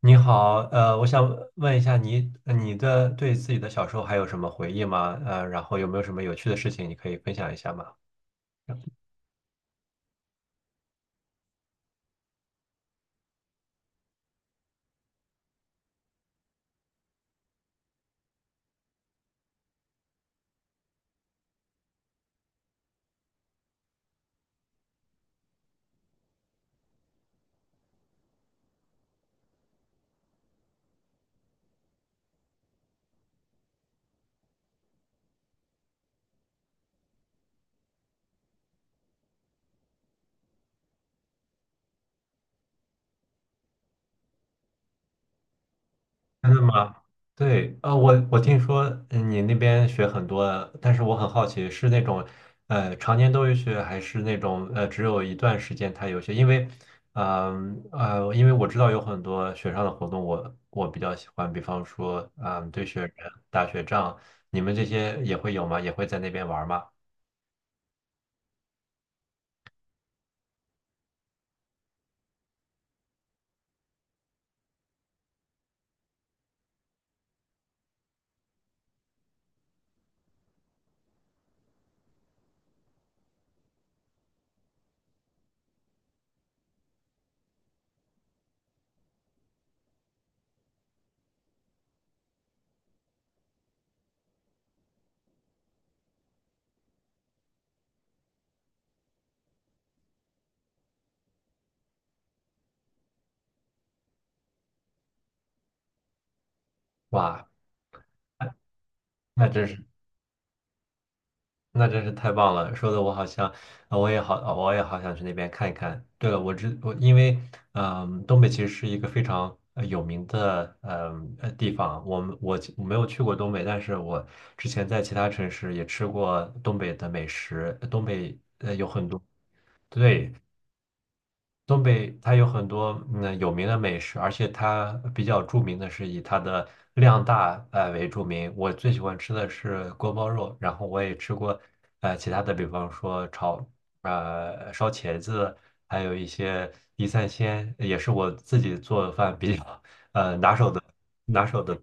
你好，我想问一下你，你的对自己的小时候还有什么回忆吗？然后有没有什么有趣的事情你可以分享一下吗？真的吗？对，我听说你那边学很多，但是我很好奇，是那种常年都有学，还是那种只有一段时间他有学？因为，因为我知道有很多学上的活动我，我比较喜欢，比方说，嗯、堆雪人、打雪仗，你们这些也会有吗？也会在那边玩吗？哇，那真是，那真是太棒了！说的我好像，我也好，我也好想去那边看一看。对了，我知我因为，嗯，东北其实是一个非常有名的，地方。我们我我没有去过东北，但是我之前在其他城市也吃过东北的美食。东北有很多，对，东北它有很多有名的美食，而且它比较著名的是以它的量大为著名。我最喜欢吃的是锅包肉，然后我也吃过其他的，比方说炒烧茄子，还有一些地三鲜，也是我自己做饭比较拿手的拿手的。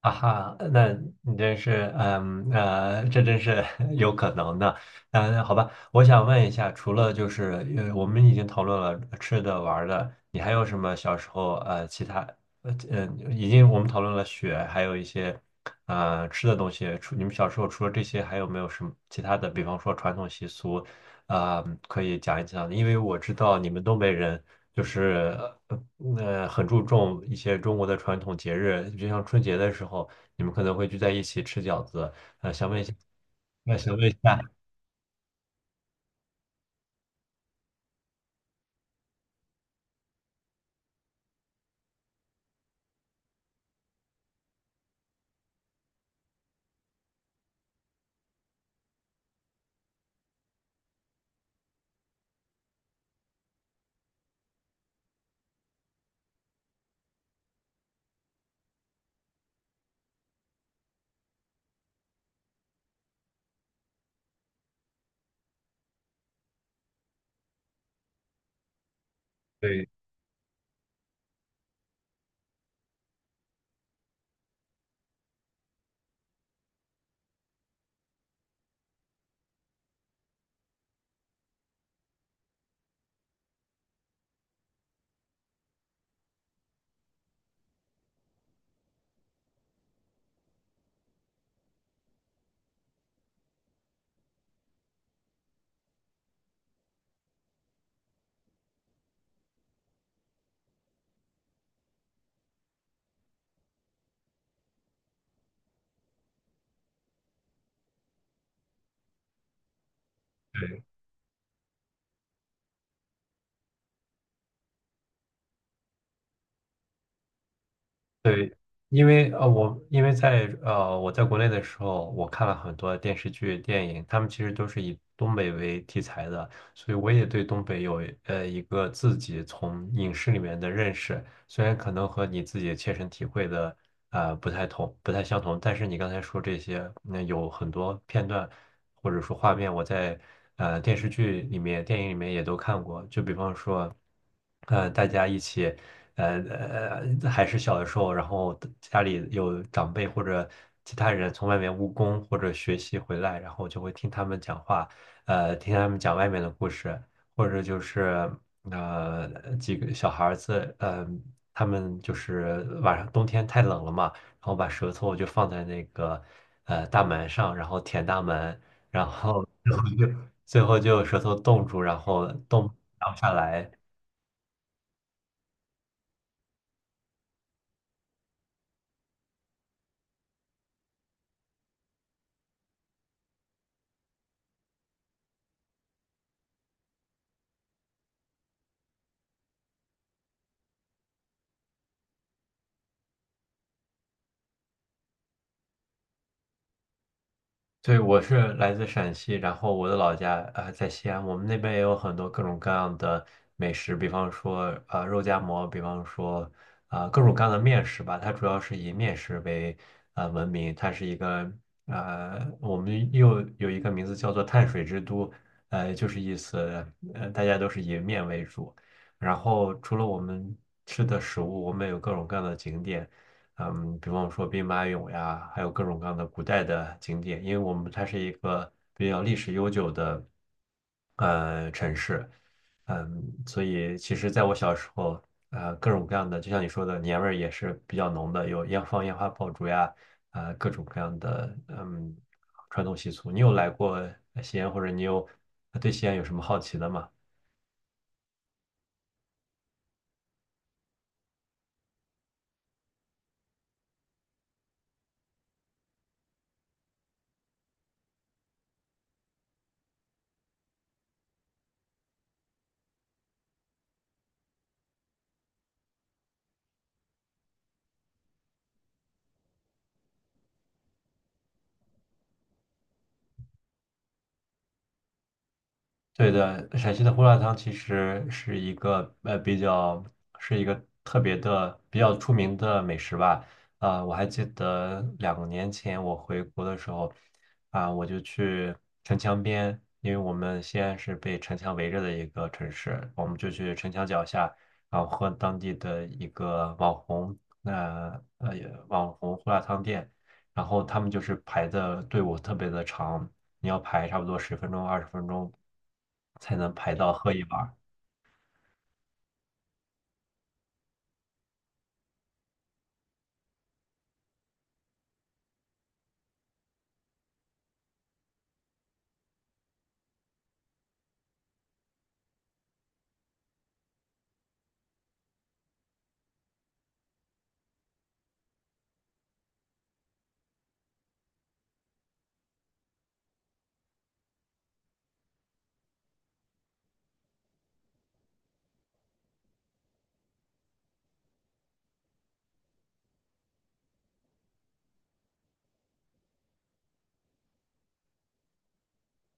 啊哈，那你真是，这真是 有可能的。嗯，好吧，我想问一下，除了就是，呃，我们已经讨论了吃的、玩儿的，你还有什么小时候其他，已经我们讨论了雪，还有一些吃的东西。除你们小时候除了这些，还有没有什么其他的？比方说传统习俗，啊、可以讲一讲，因为我知道你们东北人就是很注重一些中国的传统节日，就像春节的时候，你们可能会聚在一起吃饺子。想问一下，那想问一下，对，对，因为我因为在我在国内的时候，我看了很多电视剧、电影，他们其实都是以东北为题材的，所以我也对东北有一个自己从影视里面的认识，虽然可能和你自己切身体会的不太同、不太相同，但是你刚才说这些，那有很多片段或者说画面，我在电视剧里面、电影里面也都看过，就比方说，呃，大家一起。还是小的时候，然后家里有长辈或者其他人从外面务工或者学习回来，然后就会听他们讲话，听他们讲外面的故事，或者就是几个小孩子，呃，他们就是晚上冬天太冷了嘛，然后把舌头就放在那个大门上，然后舔大门，然后最后就舌头冻住，然后冻不下来。对，我是来自陕西，然后我的老家在西安，我们那边也有很多各种各样的美食，比方说肉夹馍，比方说啊、各种各样的面食吧，它主要是以面食为闻名，它是一个我们又有一个名字叫做碳水之都，就是意思大家都是以面为主，然后除了我们吃的食物，我们有各种各样的景点。嗯，比方说兵马俑呀，还有各种各样的古代的景点，因为我们它是一个比较历史悠久的城市，嗯，所以其实在我小时候，呃，各种各样的，就像你说的，年味儿也是比较浓的，有烟放烟花爆竹呀，各种各样的传统习俗。你有来过西安，或者你有对西安有什么好奇的吗？对的，陕西的胡辣汤其实是一个呃比较是一个特别的比较出名的美食吧。啊、我还记得两年前我回国的时候，啊、我就去城墙边，因为我们西安是被城墙围着的一个城市，我们就去城墙脚下，然后喝当地的一个网红那呃网红胡辣汤店，然后他们就是排的队伍特别的长。你要排差不多十分钟、二十分钟才能排到喝一碗儿。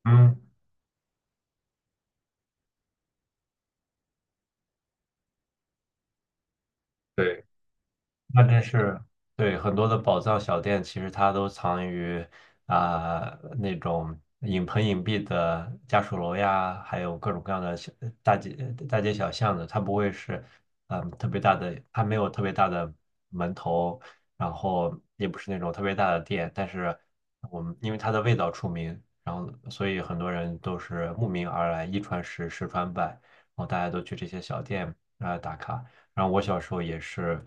嗯，对。那真是对很多的宝藏小店，其实它都藏于啊、那种隐蔽的家属楼呀，还有各种各样的小大街大街小巷的，它不会是特别大的，它没有特别大的门头，然后也不是那种特别大的店，但是我们因为它的味道出名，然后所以很多人都是慕名而来，一传十，十传百，然后大家都去这些小店啊、打卡。然后我小时候也是，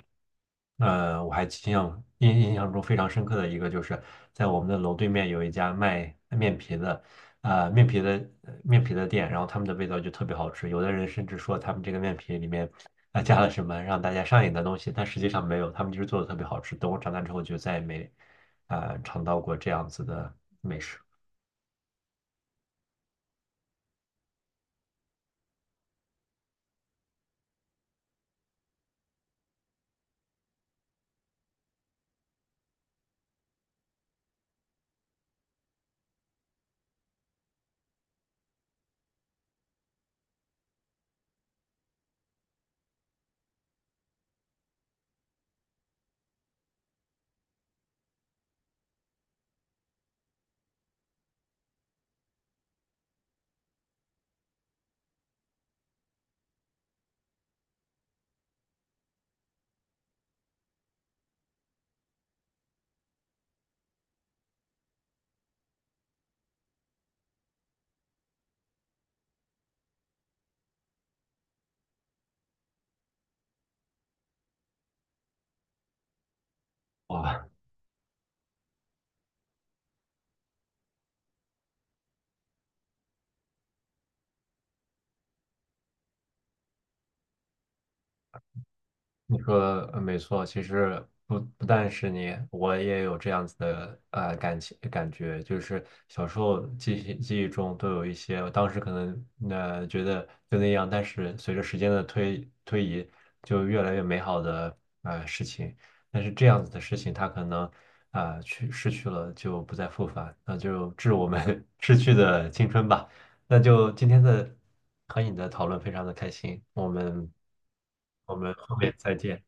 我还印象中非常深刻的一个，就是在我们的楼对面有一家卖面皮的，呃，面皮的面皮的店，然后他们的味道就特别好吃。有的人甚至说他们这个面皮里面啊、加了什么让大家上瘾的东西，但实际上没有，他们就是做的特别好吃。等我长大之后就再也没啊、尝到过这样子的。哇，你说没错，其实不但是你，我也有这样子的感觉，就是小时候记忆中都有一些，我当时可能觉得就那样，但是随着时间的推移，就越来越美好的事情。但是这样子的事情，它可能啊、失去了，就不再复返，那就致我们 逝去的青春吧。那就今天的和你的讨论非常的开心，我们后面再见。